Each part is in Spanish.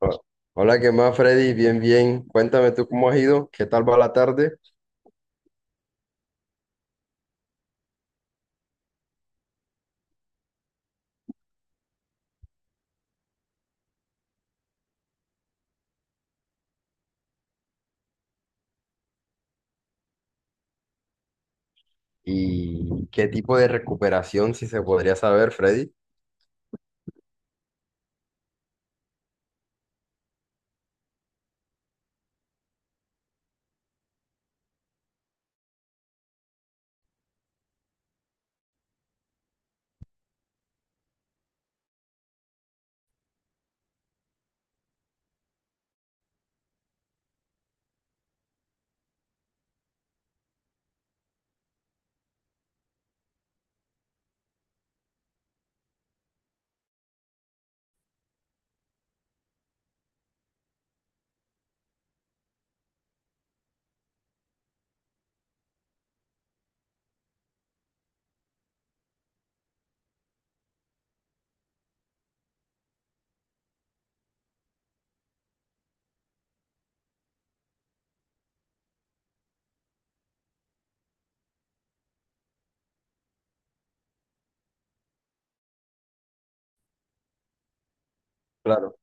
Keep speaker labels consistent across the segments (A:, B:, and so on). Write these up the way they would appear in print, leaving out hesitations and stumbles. A: Ho- Hola, ¿qué más, Freddy? Bien, bien. Cuéntame tú cómo has ido, qué tal va la tarde y qué tipo de recuperación, si se podría saber, Freddy. Claro.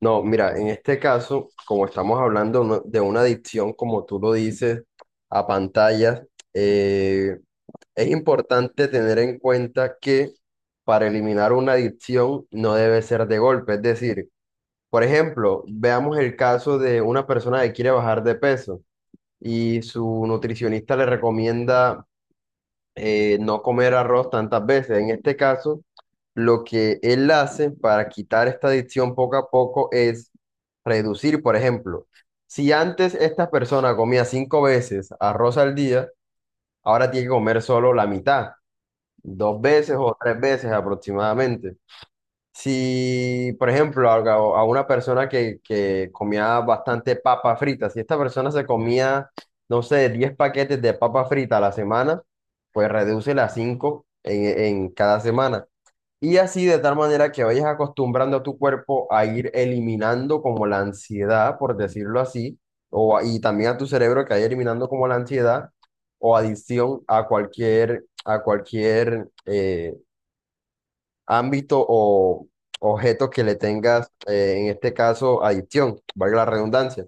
A: No, mira, en este caso, como estamos hablando de una adicción, como tú lo dices, a pantallas, eh, es importante tener en cuenta que para eliminar una adicción no debe ser de golpe. Es decir, por ejemplo, veamos el caso de una persona que quiere bajar de peso y su nutricionista le recomienda no comer arroz tantas veces. En este caso, lo que él hace para quitar esta adicción poco a poco es reducir, por ejemplo, si antes esta persona comía cinco veces arroz al día, ahora tiene que comer solo la mitad, dos veces o tres veces aproximadamente. Si, por ejemplo, a una persona que comía bastante papa frita, si esta persona se comía, no sé, 10 paquetes de papa frita a la semana, pues reduce a 5 en cada semana. Y así de tal manera que vayas acostumbrando a tu cuerpo a ir eliminando como la ansiedad, por decirlo así, y también a tu cerebro que vaya eliminando como la ansiedad o adicción a cualquier ámbito o objeto que le tengas, en este caso, adicción, valga la redundancia.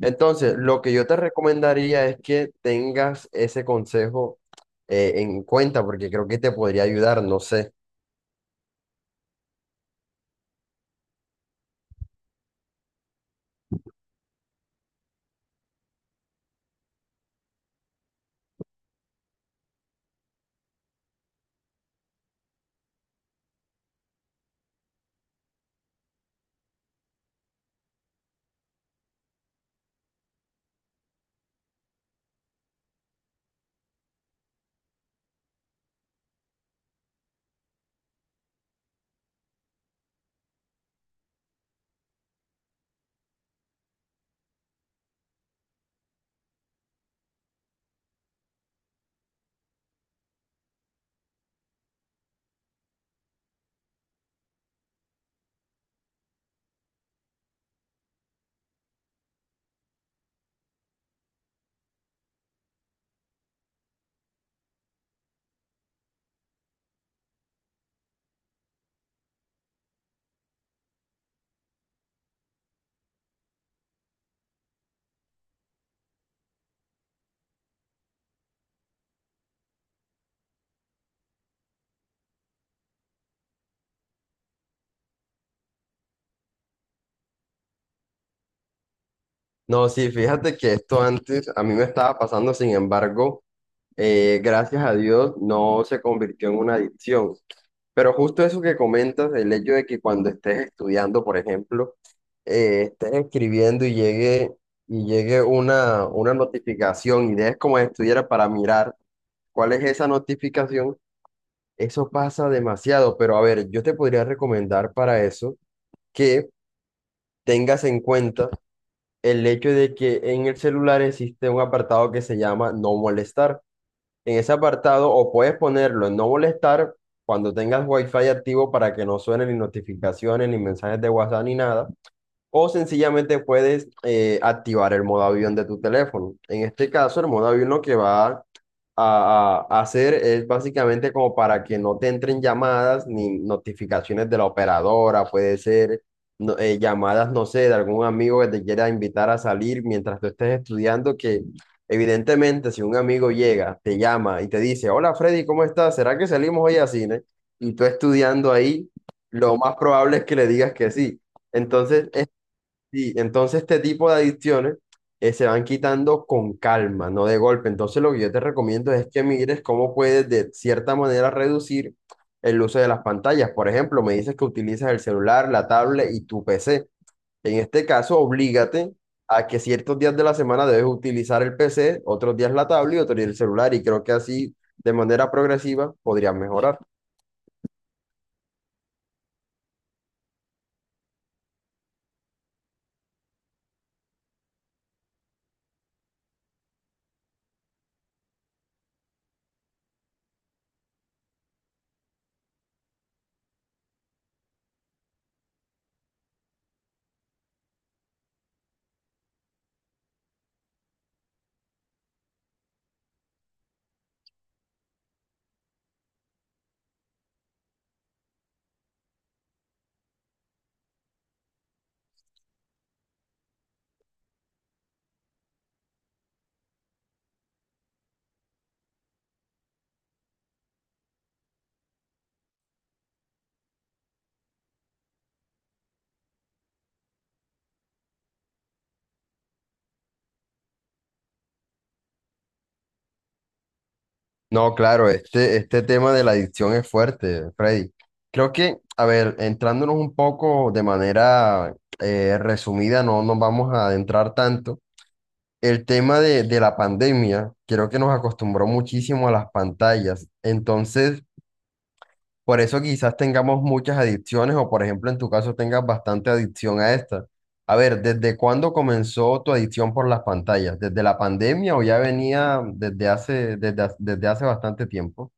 A: Entonces, lo que yo te recomendaría es que tengas ese consejo en cuenta, porque creo que te podría ayudar, no sé. No, sí, fíjate que esto antes a mí me estaba pasando, sin embargo, gracias a Dios no se convirtió en una adicción. Pero justo eso que comentas, el hecho de que cuando estés estudiando, por ejemplo, estés escribiendo y llegue una notificación y dejes como si estuviera para mirar cuál es esa notificación, eso pasa demasiado. Pero a ver, yo te podría recomendar para eso que tengas en cuenta el hecho de que en el celular existe un apartado que se llama no molestar, en ese apartado o puedes ponerlo en no molestar cuando tengas Wi-Fi activo para que no suenen ni notificaciones, ni mensajes de WhatsApp, ni nada. O sencillamente puedes activar el modo avión de tu teléfono. En este caso, el modo avión lo que va a hacer es básicamente como para que no te entren llamadas ni notificaciones de la operadora, puede ser llamadas, no sé, de algún amigo que te quiera invitar a salir mientras tú estés estudiando, que evidentemente si un amigo llega, te llama y te dice, hola Freddy, ¿cómo estás? ¿Será que salimos hoy a cine? Y tú estudiando ahí, lo más probable es que le digas que sí. Entonces, Sí, entonces este tipo de adicciones se van quitando con calma, no de golpe. Entonces lo que yo te recomiendo es que mires cómo puedes de cierta manera reducir el uso de las pantallas. Por ejemplo, me dices que utilizas el celular, la tablet y tu PC. En este caso, oblígate a que ciertos días de la semana debes utilizar el PC, otros días la tablet y otros días el celular. Y creo que así, de manera progresiva, podrías mejorar. No, claro, este tema de la adicción es fuerte, Freddy. Creo que, a ver, entrándonos un poco de manera resumida, no nos vamos a adentrar tanto. El tema de la pandemia, creo que nos acostumbró muchísimo a las pantallas. Entonces, por eso quizás tengamos muchas adicciones o, por ejemplo, en tu caso tengas bastante adicción a esta. A ver, ¿desde cuándo comenzó tu adicción por las pantallas? ¿Desde la pandemia o ya venía desde hace bastante tiempo?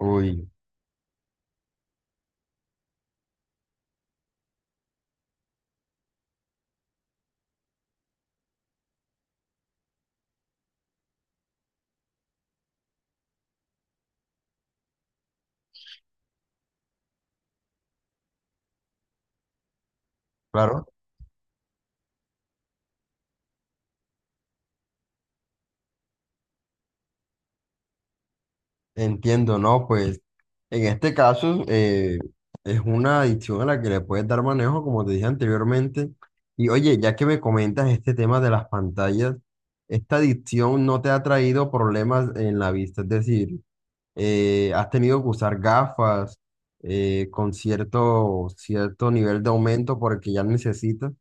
A: Uy, claro, entiendo, ¿no? Pues en este caso es una adicción a la que le puedes dar manejo, como te dije anteriormente. Y oye, ya que me comentas este tema de las pantallas, ¿esta adicción no te ha traído problemas en la vista? Es decir, ¿has tenido que usar gafas con cierto nivel de aumento porque ya necesitas?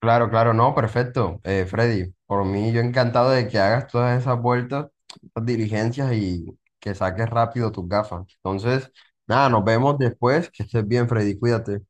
A: Claro, claro, no, perfecto. Freddy, por mí yo encantado de que hagas todas esas vueltas, esas diligencias y que saques rápido tus gafas. Entonces, nada, nos vemos después. Que estés bien, Freddy, cuídate.